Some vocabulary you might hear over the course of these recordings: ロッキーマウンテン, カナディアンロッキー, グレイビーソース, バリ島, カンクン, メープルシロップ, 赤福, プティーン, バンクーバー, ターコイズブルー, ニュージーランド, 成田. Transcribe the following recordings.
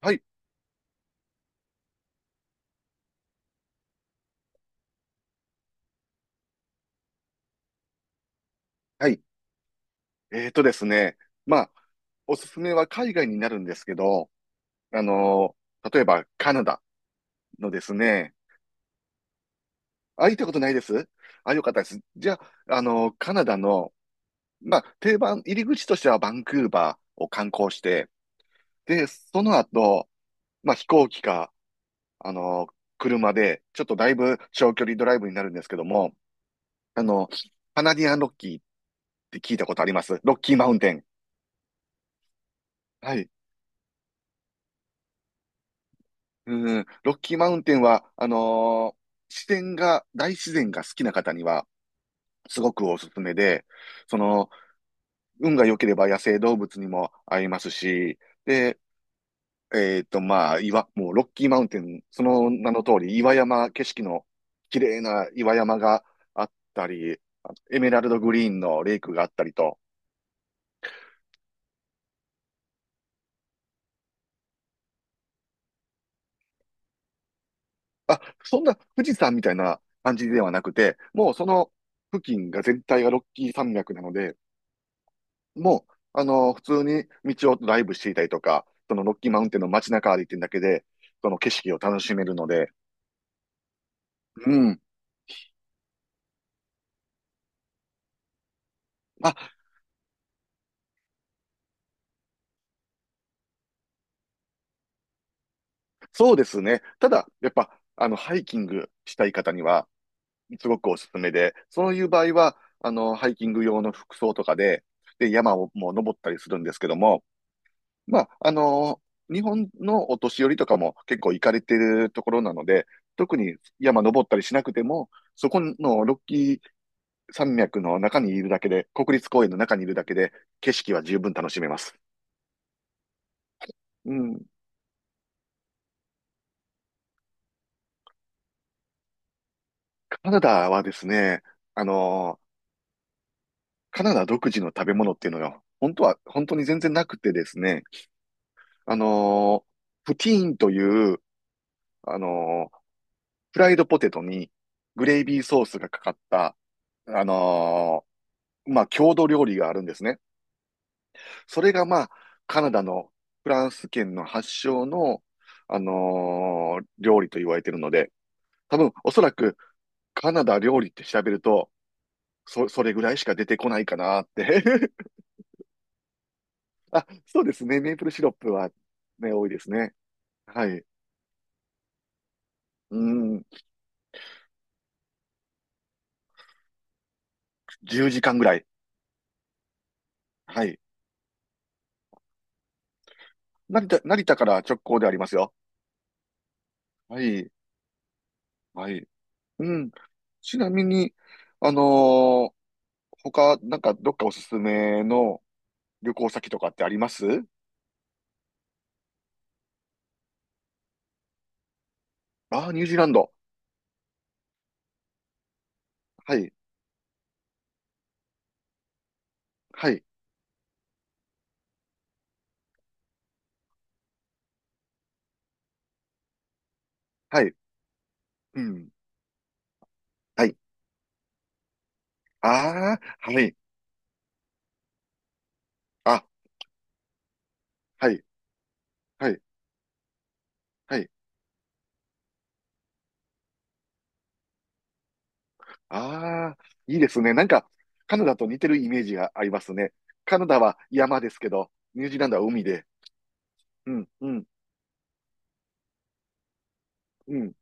はい、はい。えーとですね、まあ、おすすめは海外になるんですけど、あの例えばカナダのですね。あ、行ったことないです。あ、よかったです。じゃあ、カナダの、まあ、定番、入り口としてはバンクーバーを観光して、で、その後、まあ、飛行機か、あのー車で、ちょっとだいぶ長距離ドライブになるんですけども、あの、カナディアンロッキーって聞いたことあります？ロッキーマウンテン。はい。うん、ロッキーマウンテンは、自然が、大自然が好きな方には、すごくおすすめで、その、運が良ければ野生動物にも会えますし、で、まあ、もうロッキーマウンテン、その名の通り、岩山、景色の綺麗な岩山があったり、あ、エメラルドグリーンのレイクがあったりと、あ、そんな富士山みたいな感じではなくて、もうその付近が全体がロッキー山脈なので、もう、普通に道をドライブしていたりとか、そのロッキーマウンテンの街中歩いてるだけで、その景色を楽しめるので、うん。あ、そうですね。ただ、やっぱ、ハイキングしたい方には、すごくおすすめで、そういう場合は、ハイキング用の服装とかで、で、山をもう登ったりするんですけども、まあ、日本のお年寄りとかも結構行かれてるところなので、特に山登ったりしなくても、そこのロッキー山脈の中にいるだけで、国立公園の中にいるだけで、景色は十分楽しめます。うん。カナダはですね、あのーカナダ独自の食べ物っていうのが、本当は、本当に全然なくてですね、あのプティーンという、あのーフライドポテトにグレイビーソースがかかった、あのまあ、郷土料理があるんですね。それがまあ、カナダのフランス圏の発祥の、料理と言われているので、多分、おそらく、カナダ料理って調べると、それぐらいしか出てこないかなって。あ、そうですね。メープルシロップはね、多いですね。はい。うん、10時間ぐらい。はい。成田から直行でありますよ。はい。はい。うん。ちなみに、あのー他、なんか、どっかおすすめの旅行先とかってあります？ああー、ニュージーランド。はい。はい。はい。うん。はい。ああ、はい。あ、はい。はい。はい。ああ、いいですね。なんか、カナダと似てるイメージがありますね。カナダは山ですけど、ニュージーランドは海で。うん、うん、うん。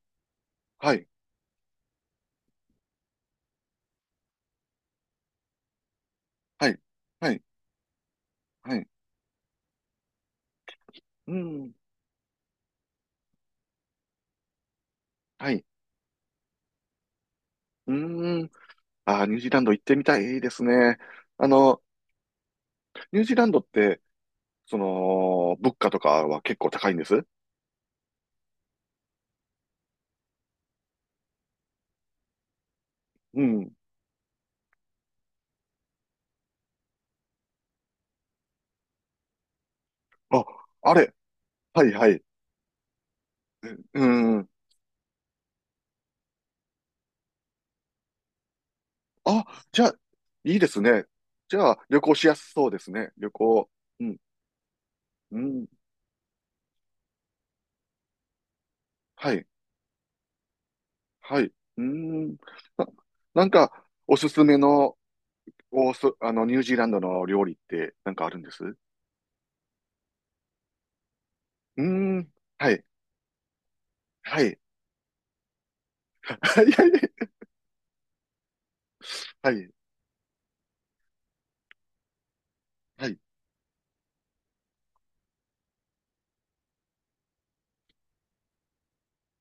はい、はい、はい、はい。うん、はい。うーん。ああ、ニュージーランド行ってみたい。いいですね。あの、ニュージーランドって、物価とかは結構高いんです？うん。あ、あれ。はい、はい。うん。あ、じゃあ、いいですね。じゃあ、旅行しやすそうですね。旅行。うん、うん。はい。はい。うーん。な、なんか、おすすめの、おそ、あの、ニュージーランドの料理って、なんかあるんです？うーん。はい。はい。はい。はい。はい。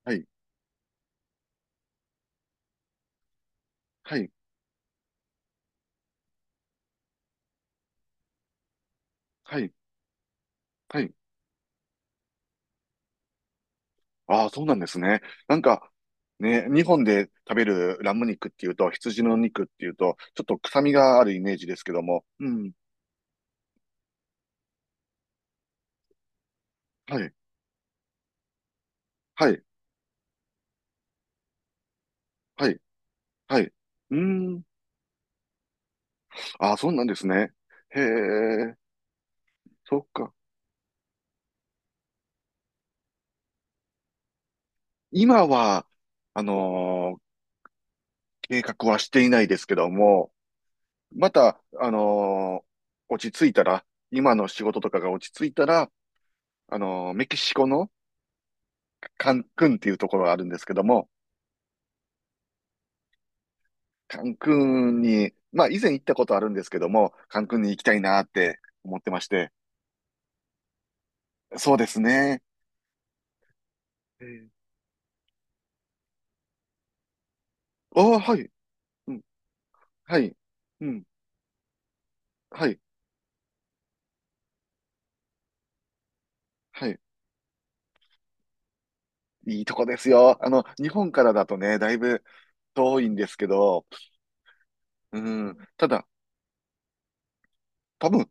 はい。はい。はい。はい。ああ、そうなんですね。なんか、ね、日本で食べるラム肉っていうと、羊の肉っていうと、ちょっと臭みがあるイメージですけども。うん。はい。はい。はい。はい。うーん。ああ、そうなんですね。へえ。そっか。今は、あのー計画はしていないですけども、また、落ち着いたら、今の仕事とかが落ち着いたら、メキシコのカンクンっていうところがあるんですけども、カンクンに、まあ以前行ったことあるんですけども、カンクンに行きたいなって思ってまして、そうですね。え、あ、はい。うん、はい。うん、はい。はい。いいとこですよ。日本からだとね、だいぶ遠いんですけど、うん。ただ、多分、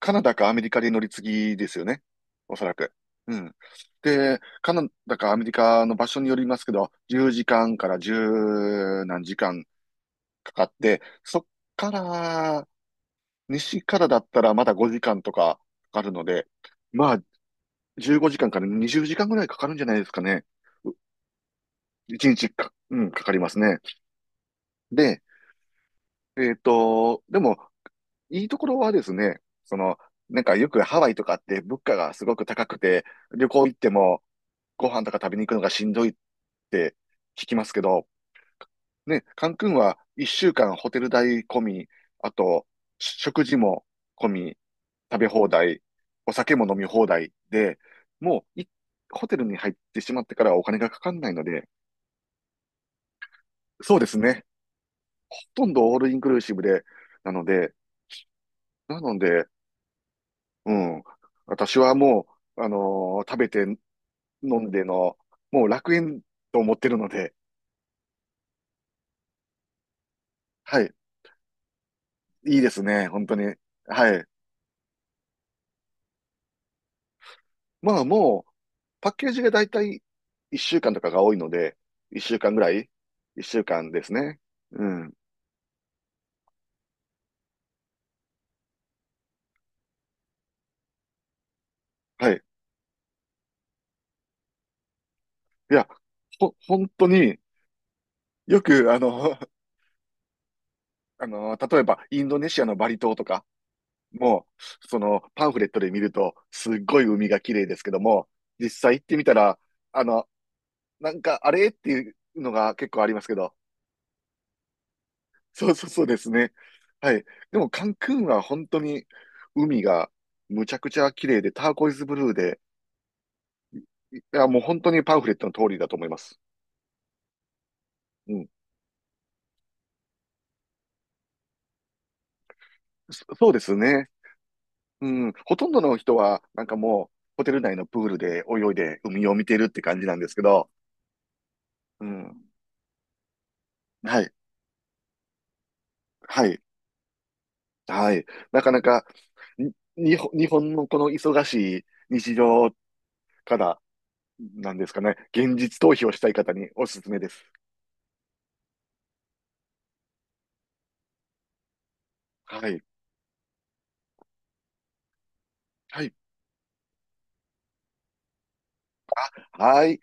カナダかアメリカで乗り継ぎですよね。おそらく。うん。で、カナダかアメリカの場所によりますけど、10時間かんから10何時間かかって、そっから、西からだったらまだ5時間とかかかるので、まあ、15時間かんから20時間ぐらいかかるんじゃないですかね。う1日か、うん、かかりますね。で、でも、いいところはですね、なんかよくハワイとかって物価がすごく高くて、旅行行ってもご飯とか食べに行くのがしんどいって聞きますけど、ね、カンクンは一週間ホテル代込み、あと食事も込み、食べ放題、お酒も飲み放題で、もういホテルに入ってしまってからはお金がかかんないので、そうですね。ほとんどオールインクルーシブで、なので、なので、うん、私はもう、食べて飲んでの、もう楽園と思ってるので、はい、いいですね、本当に。はい。まあもう、パッケージがだいたい1週間とかが多いので、1週間ぐらい ?1 週間ですね。うん。はい。いや、本当によく、例えばインドネシアのバリ島とかも、そのパンフレットで見ると、すっごい海が綺麗ですけども、実際行ってみたら、あの、なんかあれっていうのが結構ありますけど、そう そうそうですね。はい。でもカンクンは本当に海がむちゃくちゃ綺麗で、ターコイズブルーで、いや、もう本当にパンフレットの通りだと思います。うん。そうですね。うん。ほとんどの人は、なんかもう、ホテル内のプールで泳いで海を見てるって感じなんですけど、うん。はい。はい。はい。なかなか、日本のこの忙しい日常から、なんですかね、現実逃避をしたい方におすすめです。はい。はい。はい。